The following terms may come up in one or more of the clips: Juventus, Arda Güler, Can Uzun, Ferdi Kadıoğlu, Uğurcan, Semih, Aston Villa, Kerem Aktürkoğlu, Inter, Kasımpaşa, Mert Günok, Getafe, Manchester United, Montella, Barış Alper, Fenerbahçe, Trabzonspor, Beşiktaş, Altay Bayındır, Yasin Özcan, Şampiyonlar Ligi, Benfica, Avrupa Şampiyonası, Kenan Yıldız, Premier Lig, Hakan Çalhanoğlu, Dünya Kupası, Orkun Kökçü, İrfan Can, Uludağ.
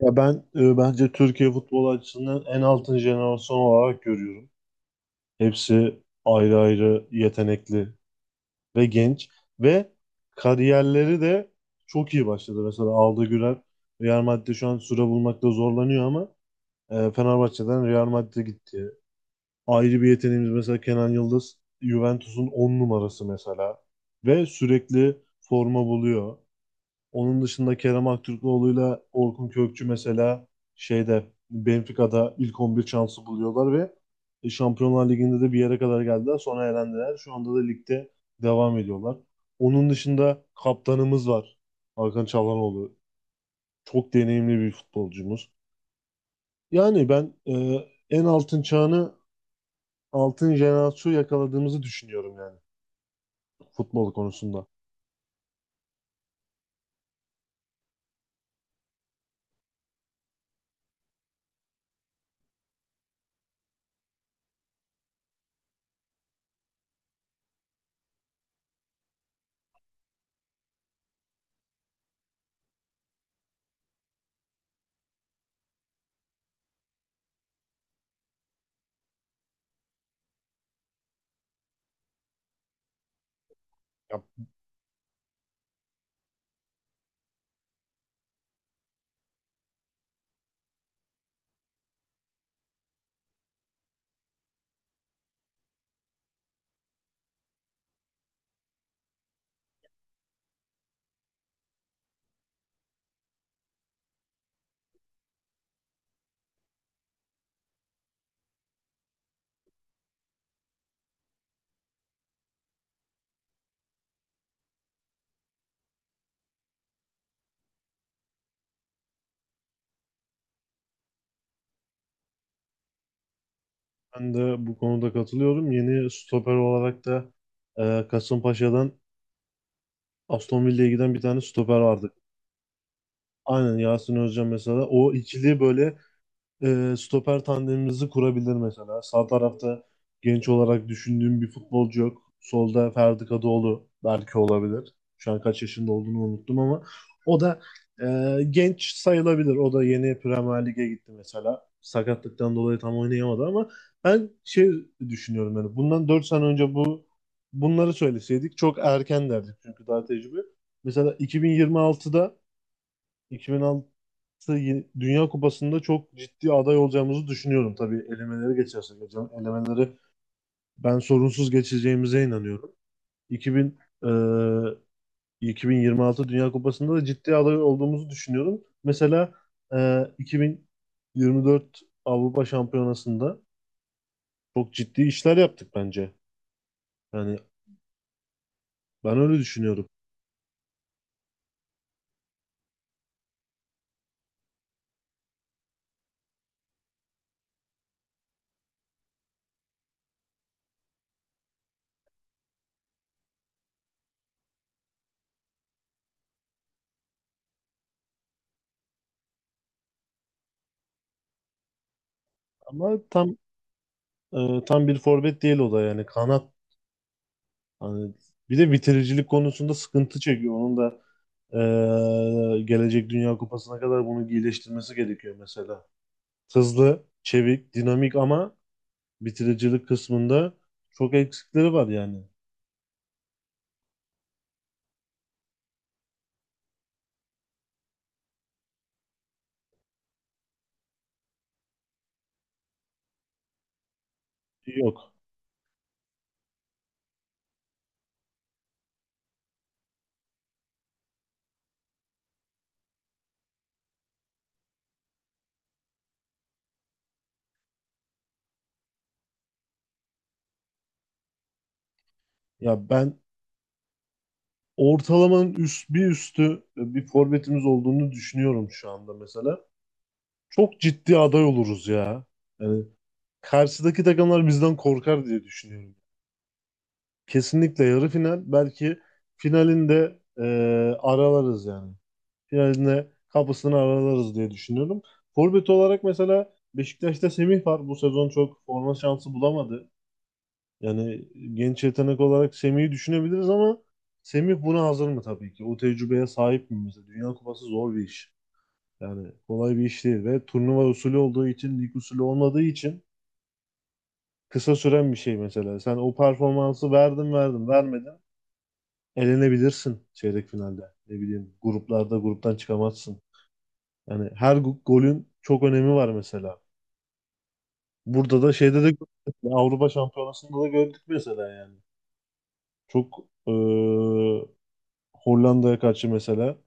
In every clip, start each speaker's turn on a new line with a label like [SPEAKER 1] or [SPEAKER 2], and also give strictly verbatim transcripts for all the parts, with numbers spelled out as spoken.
[SPEAKER 1] Ya ben e, bence Türkiye futbol açısından en altın jenerasyon olarak görüyorum. Hepsi ayrı ayrı yetenekli ve genç ve kariyerleri de çok iyi başladı. Mesela Arda Güler Real Madrid'de şu an süre bulmakta zorlanıyor ama e, Fenerbahçe'den Real Madrid'e gitti. Ayrı bir yeteneğimiz mesela Kenan Yıldız Juventus'un on numarası mesela ve sürekli forma buluyor. Onun dışında Kerem Aktürkoğlu'yla Orkun Kökçü mesela şeyde Benfica'da ilk on bir şansı buluyorlar ve e, Şampiyonlar Ligi'nde de bir yere kadar geldiler. Sonra elendiler. Şu anda da ligde devam ediyorlar. Onun dışında kaptanımız var. Hakan Çalhanoğlu. Çok deneyimli bir futbolcumuz. Yani ben e, en altın çağını altın jenerasyon yakaladığımızı düşünüyorum, yani futbol konusunda. Ya, ben de bu konuda katılıyorum. Yeni stoper olarak da e, Kasımpaşa'dan Aston Villa'ya giden bir tane stoper vardı. Aynen Yasin Özcan mesela. O ikili böyle e, stoper tandemimizi kurabilir mesela. Sağ tarafta genç olarak düşündüğüm bir futbolcu yok. Solda Ferdi Kadıoğlu belki olabilir. Şu an kaç yaşında olduğunu unuttum ama o da e, genç sayılabilir. O da yeni Premier Lig'e gitti mesela. Sakatlıktan dolayı tam oynayamadı ama ben şey düşünüyorum, yani bundan dört sene önce bu bunları söyleseydik çok erken derdik çünkü daha tecrübe. Mesela iki bin yirmi altıda iki bin altı Ye- Dünya Kupası'nda çok ciddi aday olacağımızı düşünüyorum, tabii elemeleri geçersek hocam. Elemeleri ben sorunsuz geçeceğimize inanıyorum. iki bin. eee, iki bin yirmi altı Dünya Kupası'nda da ciddi aday olduğumuzu düşünüyorum. Mesela eee, iki bin yirmi dört Avrupa Şampiyonası'nda çok ciddi işler yaptık bence. Yani ben öyle düşünüyorum. Ama tam eee, tam bir forvet değil o da, yani kanat. Hani bir de bitiricilik konusunda sıkıntı çekiyor. Onun da eee, gelecek Dünya Kupası'na kadar bunu iyileştirmesi gerekiyor mesela. Hızlı, çevik, dinamik ama bitiricilik kısmında çok eksikleri var yani. Yok. Ya ben ortalamanın üst bir üstü bir forvetimiz olduğunu düşünüyorum şu anda mesela. Çok ciddi aday oluruz ya. Yani karşıdaki takımlar bizden korkar diye düşünüyorum. Kesinlikle yarı final. Belki finalinde e, aralarız yani. Finalinde kapısını aralarız diye düşünüyorum. Forvet olarak mesela Beşiktaş'ta Semih var. Bu sezon çok forma şansı bulamadı. Yani genç yetenek olarak Semih'i düşünebiliriz ama Semih buna hazır mı tabii ki? O tecrübeye sahip mi mesela? Dünya Kupası zor bir iş. Yani kolay bir iş değil ve turnuva usulü olduğu için, lig usulü olmadığı için kısa süren bir şey mesela. Sen o performansı verdin verdin vermedin, elenebilirsin çeyrek finalde. Ne bileyim, gruplarda gruptan çıkamazsın. Yani her go- golün çok önemi var mesela. Burada da şeyde de gördük. Avrupa Şampiyonası'nda da gördük mesela, yani. Çok eee, Hollanda'ya karşı mesela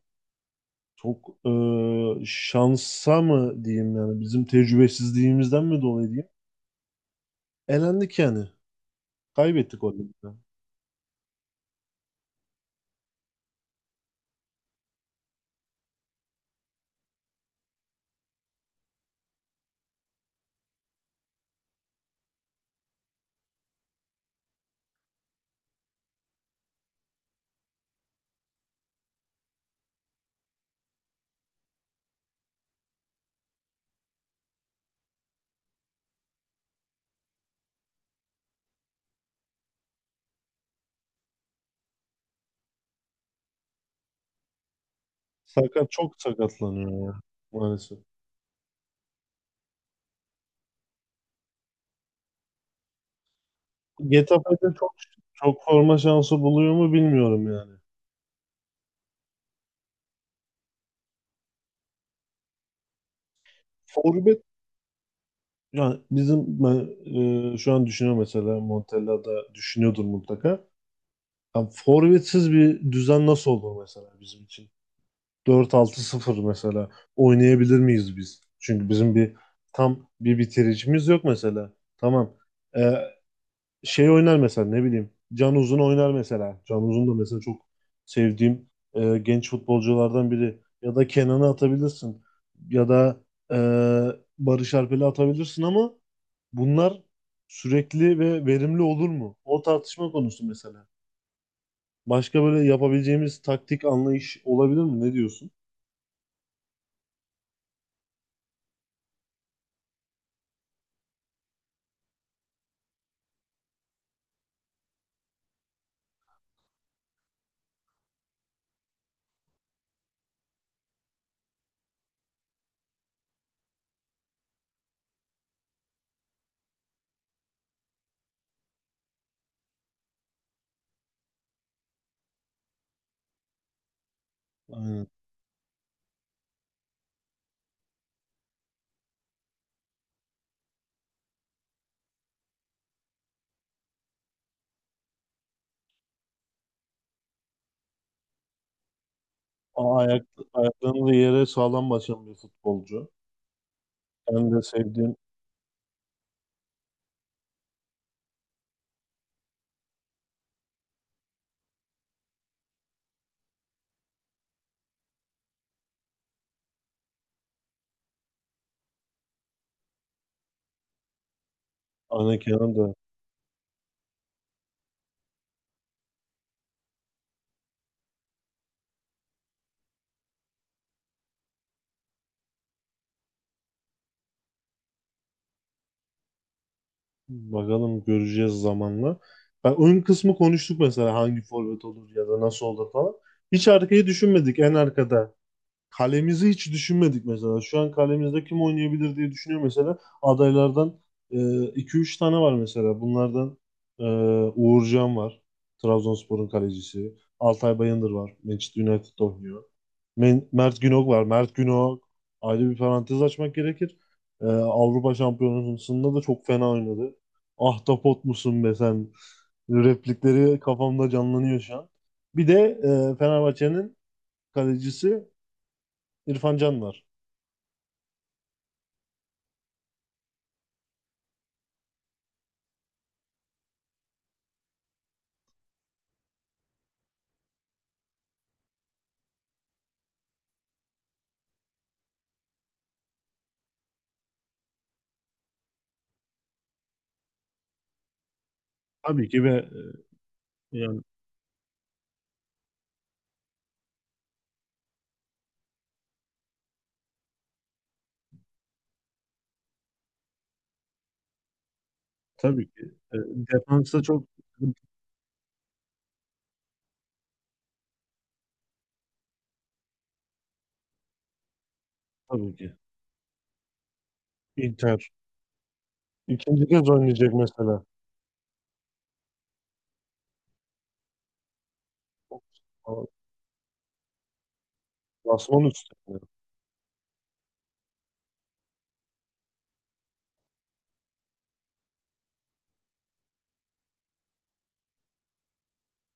[SPEAKER 1] çok eee, şansa mı diyeyim, yani bizim tecrübesizliğimizden mi dolayı diyeyim. Elendik yani. Kaybettik Hollanda'da. Sakat çok sakatlanıyor ya, maalesef. Getafe çok çok forma şansı buluyor mu, bilmiyorum yani. Forvet, yani bizim ben, e, şu an düşünüyorum, mesela Montella da düşünüyordur mutlaka. Yani forvetsiz bir düzen nasıl olur mesela bizim için? Dört altı sıfır mesela oynayabilir miyiz biz? Çünkü bizim bir tam bir bitiricimiz yok mesela. Tamam. E, Şey oynar mesela, ne bileyim. Can Uzun oynar mesela. Can Uzun da mesela çok sevdiğim e, genç futbolculardan biri. Ya da Kenan'ı atabilirsin. Ya da e, Barış Alper'i atabilirsin ama bunlar sürekli ve verimli olur mu? O tartışma konusu mesela. Başka böyle yapabileceğimiz taktik anlayış olabilir mi? Ne diyorsun? Aynen. Aa, ayak, ayaklarını da yere sağlam basan bir futbolcu. Ben de sevdiğim. Aynen, Kenan da. Bakalım, göreceğiz zamanla. Ben ön kısmı konuştuk mesela, hangi forvet olur ya da nasıl olur falan. Hiç arkayı düşünmedik, en arkada. Kalemizi hiç düşünmedik mesela. Şu an kalemizde kim oynayabilir diye düşünüyor mesela. Adaylardan e, iki üç tane var mesela. Bunlardan e, Uğurcan var. Trabzonspor'un kalecisi. Altay Bayındır var. Manchester United oynuyor. Men- Mert Günok var. Mert Günok ayrı bir parantez açmak gerekir. E, Avrupa Şampiyonası'nda da çok fena oynadı. Ahtapot musun be sen? Replikleri kafamda canlanıyor şu an. Bir de e, Fenerbahçe'nin kalecisi İrfan Can var. Tabii ki ve e, yani tabii ki. E, defansta çok sıkıntı, tabii ki. Inter. İkinci kez oynayacak mesela. Basman üstüne.